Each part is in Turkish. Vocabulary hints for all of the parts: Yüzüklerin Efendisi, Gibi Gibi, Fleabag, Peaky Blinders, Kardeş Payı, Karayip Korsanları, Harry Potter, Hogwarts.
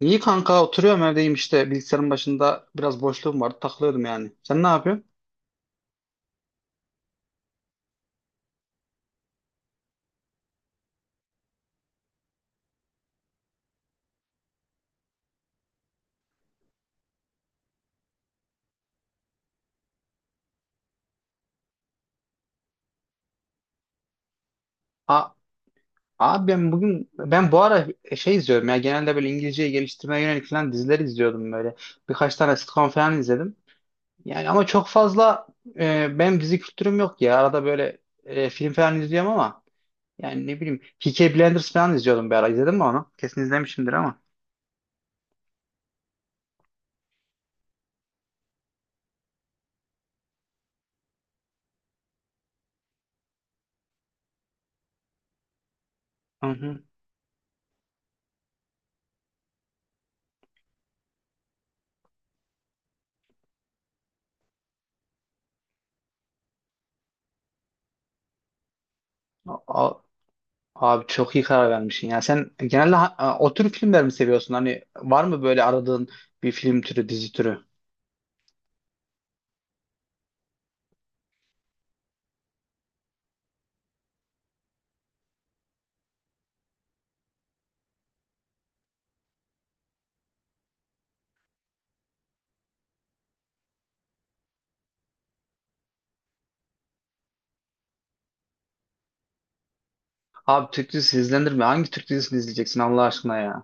İyi kanka oturuyorum evdeyim işte bilgisayarın başında biraz boşluğum vardı takılıyordum yani. Sen ne yapıyorsun? A Abi ben bugün ben bu ara şey izliyorum ya, genelde böyle İngilizceyi geliştirmeye yönelik falan diziler izliyordum böyle. Birkaç tane sitcom falan izledim. Yani ama çok fazla benim dizi kültürüm yok ya. Arada böyle film falan izliyorum ama yani ne bileyim Peaky Blinders falan izliyordum bir ara. İzledin mi onu? Kesin izlemişimdir ama. Hı hı. Abi çok iyi karar vermişsin ya. Sen genelde o tür filmler mi seviyorsun? Hani var mı böyle aradığın bir film türü, dizi türü? Abi Türk dizisi izlenir mi? Hangi Türk dizisini izleyeceksin Allah aşkına ya?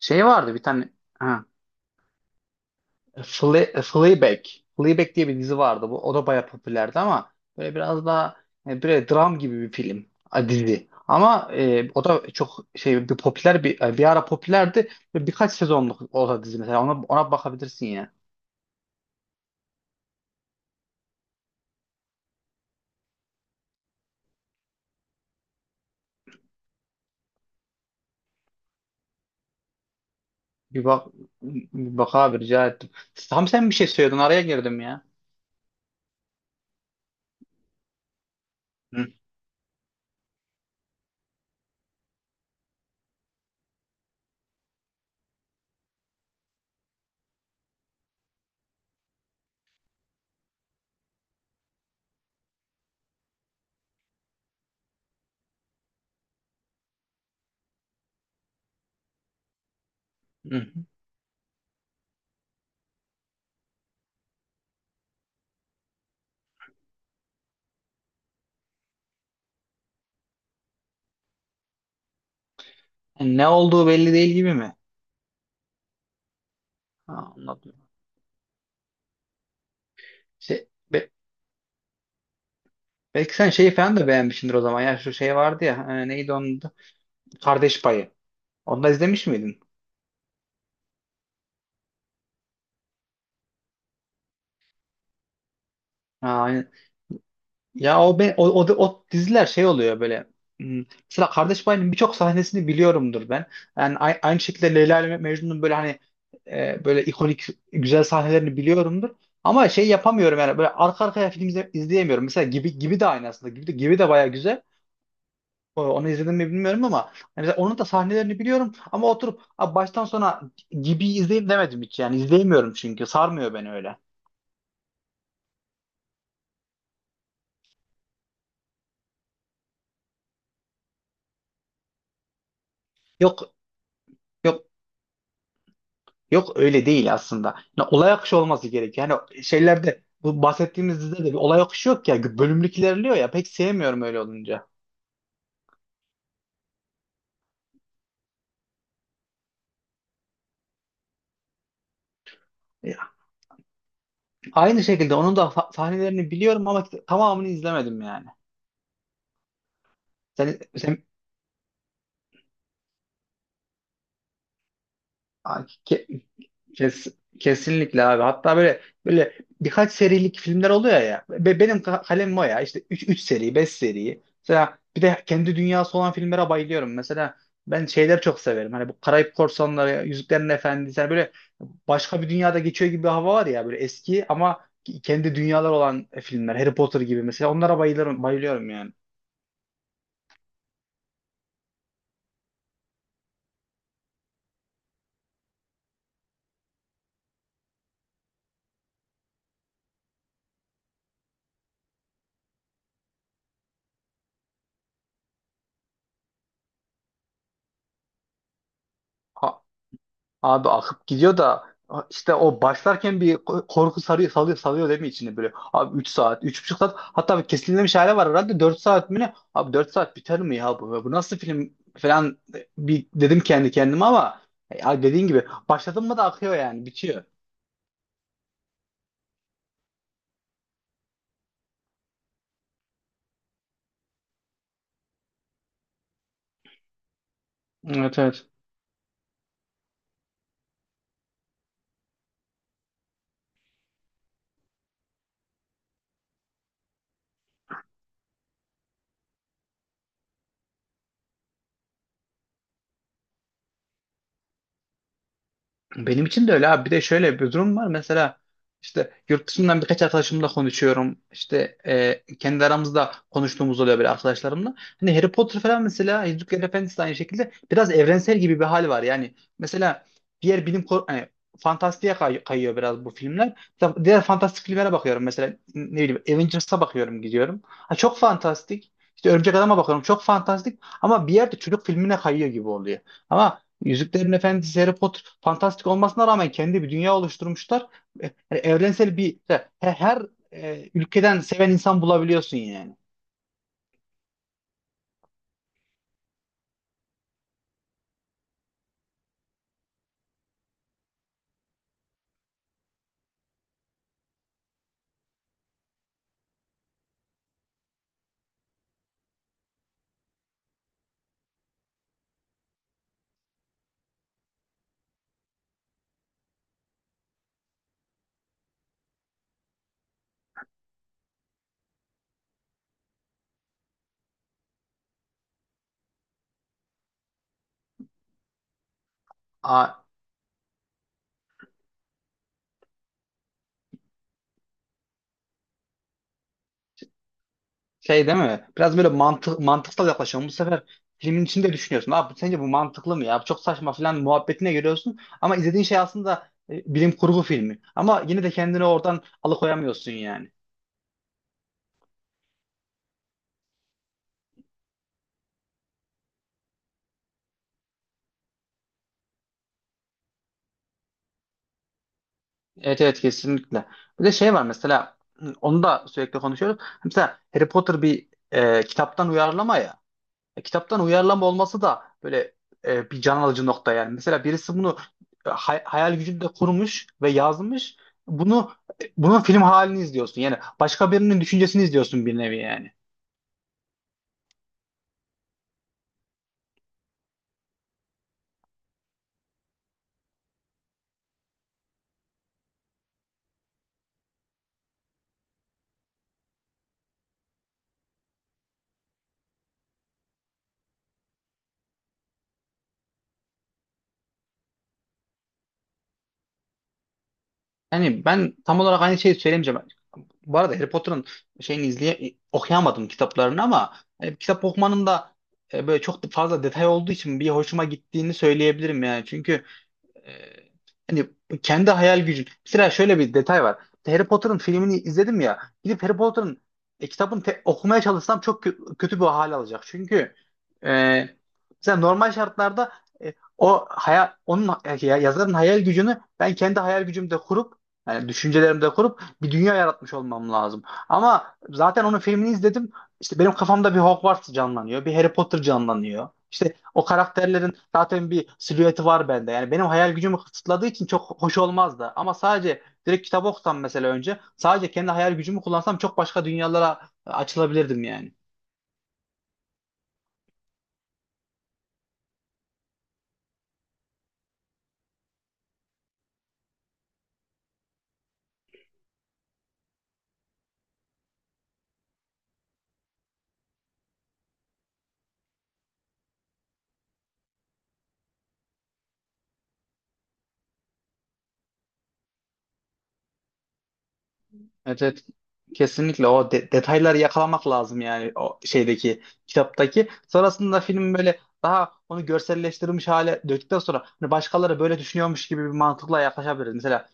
Şey vardı bir tane ha, Fleabag. Fleabag diye bir dizi vardı. Bu, o da bayağı popülerdi ama böyle biraz daha böyle dram gibi bir film, dizi. Ama o da çok şey, bir popüler, bir bir ara popülerdi. Böyle birkaç sezonluk o da dizi, mesela ona bakabilirsin ya. Bir bak, bir bak abi, rica ettim. Tam sen bir şey söyledin, araya girdim ya. Hı, hı. Yani ne olduğu belli değil gibi mi? Ha, anladım. Şey, be- belki sen şeyi falan da beğenmişsindir o zaman. Ya şu şey vardı ya, neydi onun adı? Kardeş Payı. Onu da izlemiş miydin? Ha, ya o, be, o, o, o diziler şey oluyor böyle. hmm, Mesela Kardeş Payı'nın birçok sahnesini biliyorumdur ben. Yani aynı şekilde Leyla ile Mecnun'un böyle hani böyle ikonik güzel sahnelerini biliyorumdur. Ama şey yapamıyorum yani, böyle arka arkaya film izleyemiyorum. Mesela Gibi Gibi de aynı aslında. Gibi de, Gibi de baya güzel. Onu izledim mi bilmiyorum ama yani mesela onun da sahnelerini biliyorum, ama oturup "Abi baştan sona Gibi izleyeyim" demedim hiç. Yani izleyemiyorum çünkü sarmıyor beni öyle. Yok, yok, yok, öyle değil aslında. Yani olay akışı olması gerekiyor. Yani şeylerde, bu bahsettiğimiz dizide de bir olay akışı yok ya. Bölümlük ilerliyor ya. Pek sevmiyorum öyle olunca. Ya, aynı şekilde onun da sahnelerini biliyorum ama tamamını izlemedim yani. Sen, sen Kes, Kesinlikle abi. Hatta böyle, birkaç serilik filmler oluyor ya. Benim kalemim o ya. İşte 3 3 seri, 5 seri. Mesela bir de kendi dünyası olan filmlere bayılıyorum. Mesela ben şeyler çok severim. Hani bu Karayip Korsanları, Yüzüklerin Efendisi, hani böyle başka bir dünyada geçiyor gibi bir hava var ya, böyle eski ama kendi dünyalar olan filmler. Harry Potter gibi, mesela onlara bayılırım, bayılıyorum yani. Abi akıp gidiyor da, işte o başlarken bir korku sarıyor, salıyor, salıyor değil mi içine böyle? Abi 3 saat, üç buçuk saat, hatta bir kesilmemiş hale var herhalde, 4 saat mi ne? Abi 4 saat biter mi ya bu? Bu nasıl film falan, bir dedim kendi kendime ama ya dediğin gibi başladın mı da akıyor, yani bitiyor. Evet evet. Benim için de öyle abi. Bir de şöyle bir durum var. Mesela işte yurt dışından birkaç arkadaşımla konuşuyorum. İşte kendi aramızda konuştuğumuz oluyor böyle arkadaşlarımla. Hani Harry Potter falan, mesela Yüzüklerin Efendisi de aynı şekilde, biraz evrensel gibi bir hal var. Yani mesela diğer hani fantastiğe kayıyor biraz bu filmler. Mesela diğer fantastik filmlere bakıyorum. Mesela ne bileyim Avengers'a bakıyorum, gidiyorum. Ha, çok fantastik. İşte Örümcek Adam'a bakıyorum. Çok fantastik. Ama bir yerde çocuk filmine kayıyor gibi oluyor. Ama Yüzüklerin Efendisi, Harry Potter fantastik olmasına rağmen kendi bir dünya oluşturmuşlar. E, Yani evrensel bir, her ülkeden seven insan bulabiliyorsun yani. Aa, şey değil mi? Biraz böyle mantıksal yaklaşıyorum. Bu sefer filmin içinde düşünüyorsun. Abi sence bu mantıklı mı ya? Bu çok saçma falan muhabbetine giriyorsun. Ama izlediğin şey aslında bilim kurgu filmi. Ama yine de kendini oradan alıkoyamıyorsun yani. Evet evet, kesinlikle. Bir de şey var mesela, onu da sürekli konuşuyoruz. Hani mesela Harry Potter bir kitaptan uyarlama ya. E, kitaptan uyarlama olması da böyle bir can alıcı nokta yani. Mesela birisi bunu hayal gücünde kurmuş ve yazmış. Bunu Bunun film halini izliyorsun. Yani başka birinin düşüncesini izliyorsun bir nevi yani. Yani ben tam olarak aynı şeyi söylemeyeceğim. Bu arada Harry Potter'ın şeyini okuyamadım, kitaplarını, ama hani kitap okumanın da böyle çok da fazla detay olduğu için bir hoşuma gittiğini söyleyebilirim yani. Çünkü e, hani kendi hayal gücün. Mesela şöyle bir detay var. Harry Potter'ın filmini izledim ya. Gidip Harry Potter'ın kitabını okumaya çalışsam çok kötü bir hal alacak. Çünkü e, mesela normal şartlarda o hayal onun yazarın hayal gücünü ben kendi hayal gücümde kurup, yani düşüncelerimde kurup bir dünya yaratmış olmam lazım. Ama zaten onun filmini izledim. İşte benim kafamda bir Hogwarts canlanıyor, bir Harry Potter canlanıyor. İşte o karakterlerin zaten bir silüeti var bende. Yani benim hayal gücümü kısıtladığı için çok hoş olmazdı. Ama sadece direkt kitap okusam, mesela önce sadece kendi hayal gücümü kullansam, çok başka dünyalara açılabilirdim yani. Evet, evet. Kesinlikle o detayları yakalamak lazım yani, o şeydeki, kitaptaki. Sonrasında film böyle, daha onu görselleştirilmiş hale döktükten sonra, hani başkaları böyle düşünüyormuş gibi bir mantıkla yaklaşabiliriz. Mesela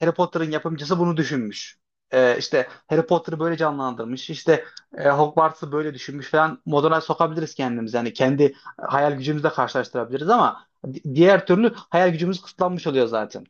Harry Potter'ın yapımcısı bunu düşünmüş. İşte Harry Potter'ı böyle canlandırmış. İşte Hogwarts'ı böyle düşünmüş falan. Moduna sokabiliriz kendimizi. Yani kendi hayal gücümüzle karşılaştırabiliriz ama diğer türlü hayal gücümüz kısıtlanmış oluyor zaten.